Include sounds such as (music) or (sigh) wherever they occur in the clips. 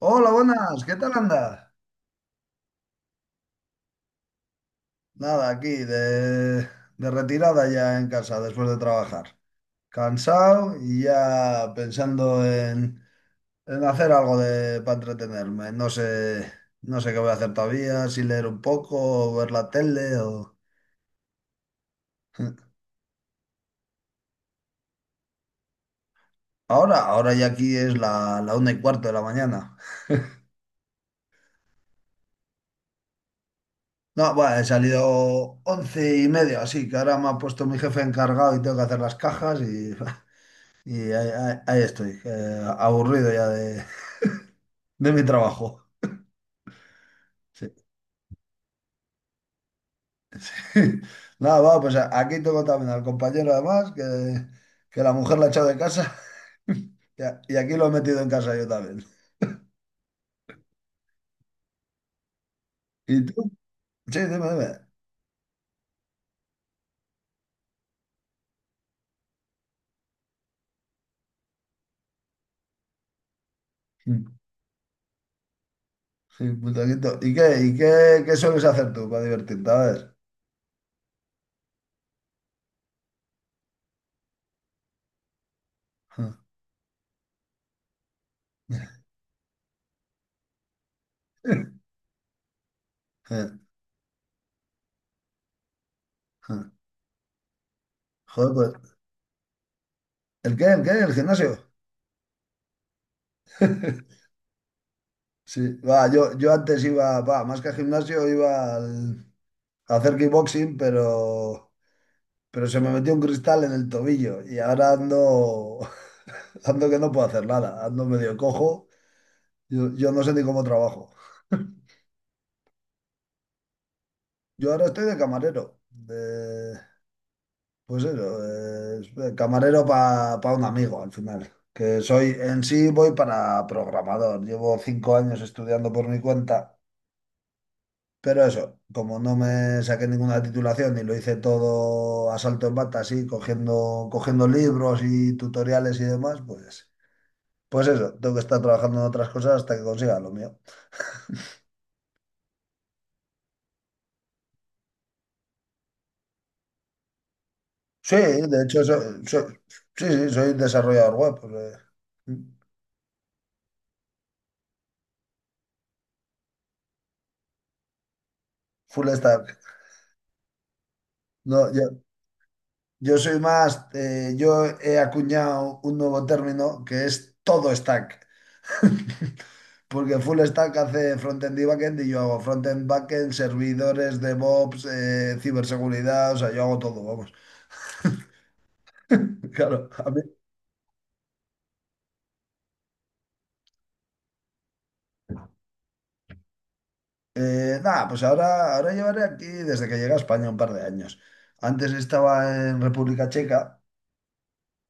Hola, buenas, ¿qué tal andas? Nada, aquí de retirada ya en casa después de trabajar. Cansado y ya pensando en hacer algo para entretenerme. No sé qué voy a hacer todavía, si leer un poco, o ver la tele o... (laughs) Ahora ya aquí es la 1:15 de la mañana. No, bueno, he salido 11:30, así que ahora me ha puesto mi jefe encargado y tengo que hacer las cajas y... (laughs) Y ahí estoy, aburrido ya de, (laughs) de mi trabajo. Sí. (laughs) Nada, va, pues aquí tengo también al compañero además, que la mujer la ha echado de casa (laughs) y y aquí lo he metido en casa yo también. ¿Y tú? Sí, dime, dime. Mm. Sí, putaquito. ¿Qué sueles hacer tú para divertirte? A ver. (laughs) Joder, pues, ¿el qué? ¿El qué? ¿El gimnasio? (laughs) Sí, va, yo antes iba, va, más que al gimnasio iba a hacer kickboxing, pero se me metió un cristal en el tobillo y ahora ando, (laughs) ando que no puedo hacer nada, ando medio cojo. Yo no sé ni cómo trabajo. (laughs) Yo ahora estoy de camarero, pues eso, de camarero para un amigo al final. Que soy, en sí voy para programador. Llevo 5 años estudiando por mi cuenta, pero eso, como no me saqué ninguna titulación y lo hice todo a salto en bata, así, cogiendo libros y tutoriales y demás, pues. Pues eso, tengo que estar trabajando en otras cosas hasta que consiga lo mío. Sí, de hecho, so- sí, sí, soy desarrollador web, pues, eh, full stack. No, yo soy más, yo he acuñado un nuevo término que es todo stack. (laughs) Porque full stack hace frontend y backend y yo hago frontend, backend, servidores, DevOps, ciberseguridad, o sea, yo hago todo, vamos. (laughs) Claro, a mí. Nada, pues ahora llevaré aquí desde que llegué a España un par de años. Antes estaba en República Checa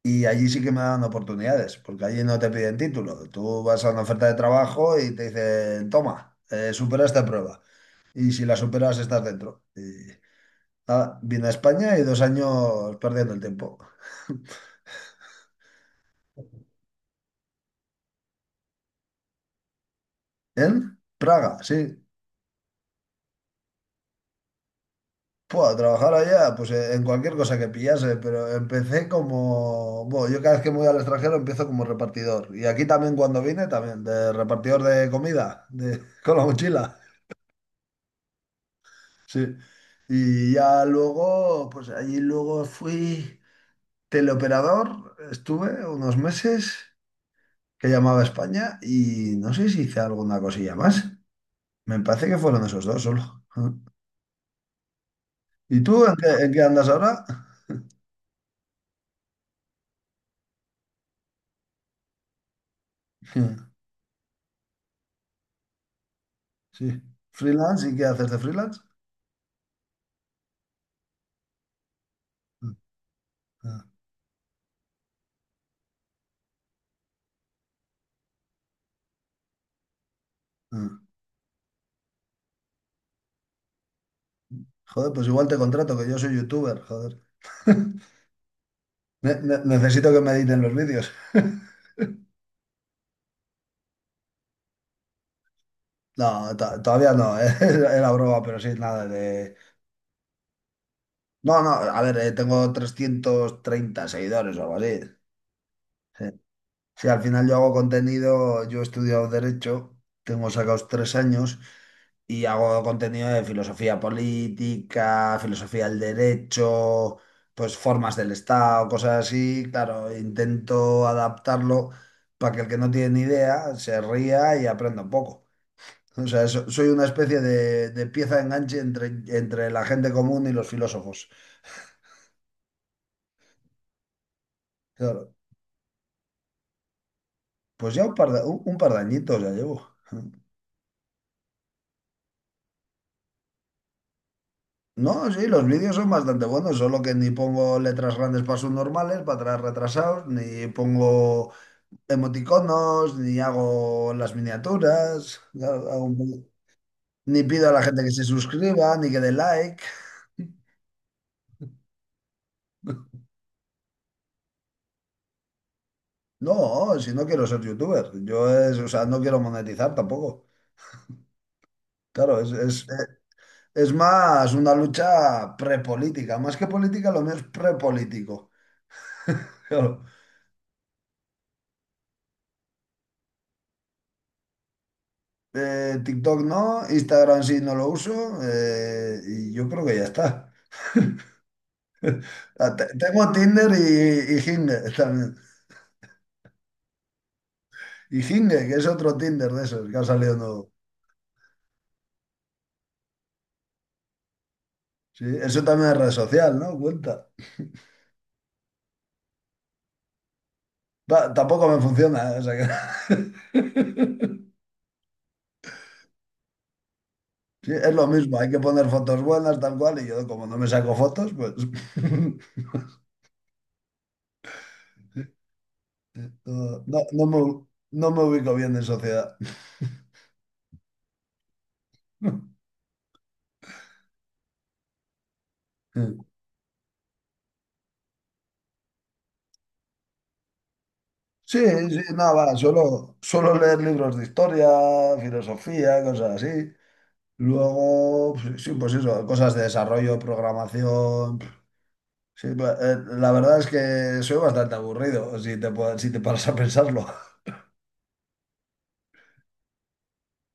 y allí sí que me daban oportunidades, porque allí no te piden título. Tú vas a una oferta de trabajo y te dicen, toma, supera esta prueba. Y si la superas, estás dentro. Y nada, vine a España y 2 años perdiendo el tiempo. (laughs) En Praga, sí. Puedo trabajar allá, pues en cualquier cosa que pillase, pero empecé como, bueno, yo cada vez que me voy al extranjero empiezo como repartidor. Y aquí también cuando vine, también, de repartidor de comida, (laughs) con la mochila. Sí. Y ya luego, pues allí luego fui teleoperador, estuve unos meses que llamaba a España y no sé si hice alguna cosilla más. Me parece que fueron esos dos solo. (laughs) ¿Y tú en qué andas ahora? (laughs) Sí. ¿Freelance? ¿Y qué haces de freelance? Mm, mm, mm. Joder, pues igual te contrato, que yo soy youtuber, joder. (laughs) Necesito que me editen los vídeos. (laughs) No, todavía no, (laughs) era broma, pero sí, nada de... No, no, a ver, tengo 330 seguidores o algo así. Sí. Sí, al final yo hago contenido, yo he estudiado Derecho, tengo sacados 3 años y hago contenido de filosofía política, filosofía del derecho, pues formas del Estado, cosas así. Claro, intento adaptarlo para que el que no tiene ni idea se ría y aprenda un poco. O sea, soy una especie de pieza de enganche entre la gente común y los filósofos. Claro, pues ya un par de añitos ya llevo. No, sí, los vídeos son bastante buenos, solo que ni pongo letras grandes para normales para atrás retrasados, ni pongo emoticonos, ni hago las miniaturas, claro, hago un poco- ni pido a la gente que se suscriba, ni que dé like. No, si no quiero ser youtuber, yo es, o sea, no quiero monetizar tampoco. Claro, es más una lucha prepolítica, más que política, lo mío es prepolítico. Claro. TikTok no, Instagram sí no lo uso, y yo creo que ya está. (laughs) Ah, tengo Tinder y Hinge también. Y Hinge, que es otro Tinder de esos que ha salido nuevo. Sí, eso también es red social, ¿no? Cuenta. Va, tampoco me funciona, ¿eh? O sea que- (laughs) Sí, es lo mismo, hay que poner fotos buenas, tal cual, y yo como no me saco fotos, pues (laughs) no, no- no me, no me ubico bien en sociedad. (laughs) Sí, sí, nada, va, suelo leer libros de historia, filosofía, cosas así. Luego, pues, sí, pues eso, cosas de desarrollo, programación. Sí, la verdad es que soy bastante aburrido, si te paras a pensarlo.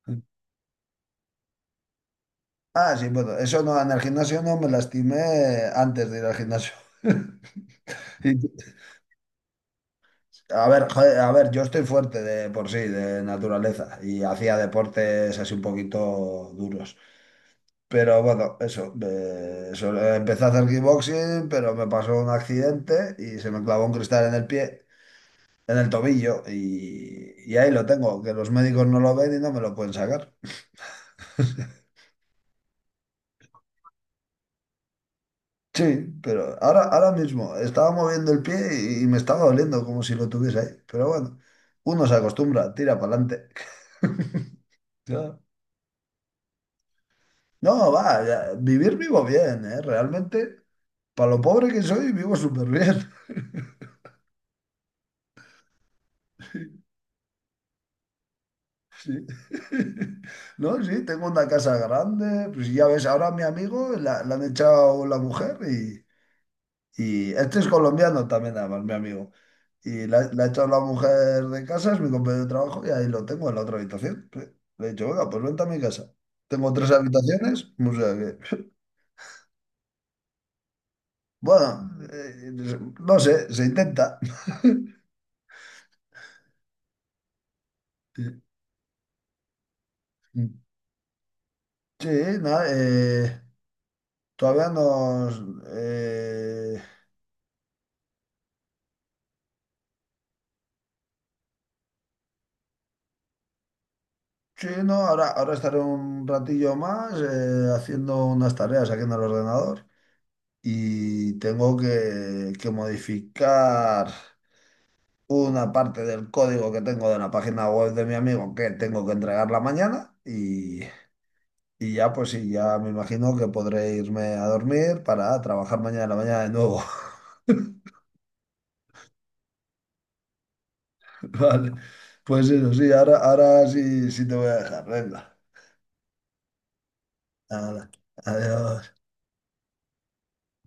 (laughs) Ah, sí, bueno, eso no, en el gimnasio no me lastimé antes de ir al gimnasio. (laughs) Y- a ver, joder, a ver, yo estoy fuerte de por sí, de naturaleza, y hacía deportes así un poquito duros. Pero bueno, eso, eso, empecé a hacer kickboxing, pero me pasó un accidente y se me clavó un cristal en el pie, en el tobillo, y ahí lo tengo, que los médicos no lo ven y no me lo pueden sacar. Sí, pero ahora mismo estaba moviendo el pie y me estaba doliendo como si lo tuviese ahí. Pero bueno, uno se acostumbra, tira para adelante. (laughs) Ya. No, va, ya, vivir vivo bien, ¿eh? Realmente, para lo pobre que soy, vivo súper bien. (laughs) Sí. (laughs) No, sí, tengo una casa grande. Pues ya ves, ahora a mi amigo la han echado la mujer y este es colombiano también, además, mi amigo. Y la ha hecho la mujer de casa, es mi compañero de trabajo, y ahí lo tengo en la otra habitación. Sí. Le he dicho, venga, pues vente a mi casa. Tengo tres habitaciones, o sea que, (laughs) bueno, no sé, se intenta. (laughs) Sí, nada, todavía nos... eh, sí, no, ahora estaré un ratillo más haciendo unas tareas aquí en el ordenador y tengo que modificar una parte del código que tengo de la página web de mi amigo que tengo que entregarla mañana y ya pues sí, ya me imagino que podré irme a dormir para trabajar mañana en la mañana de nuevo. (laughs) Vale, pues eso sí, ahora sí te voy a dejar, venga. Hala, adiós.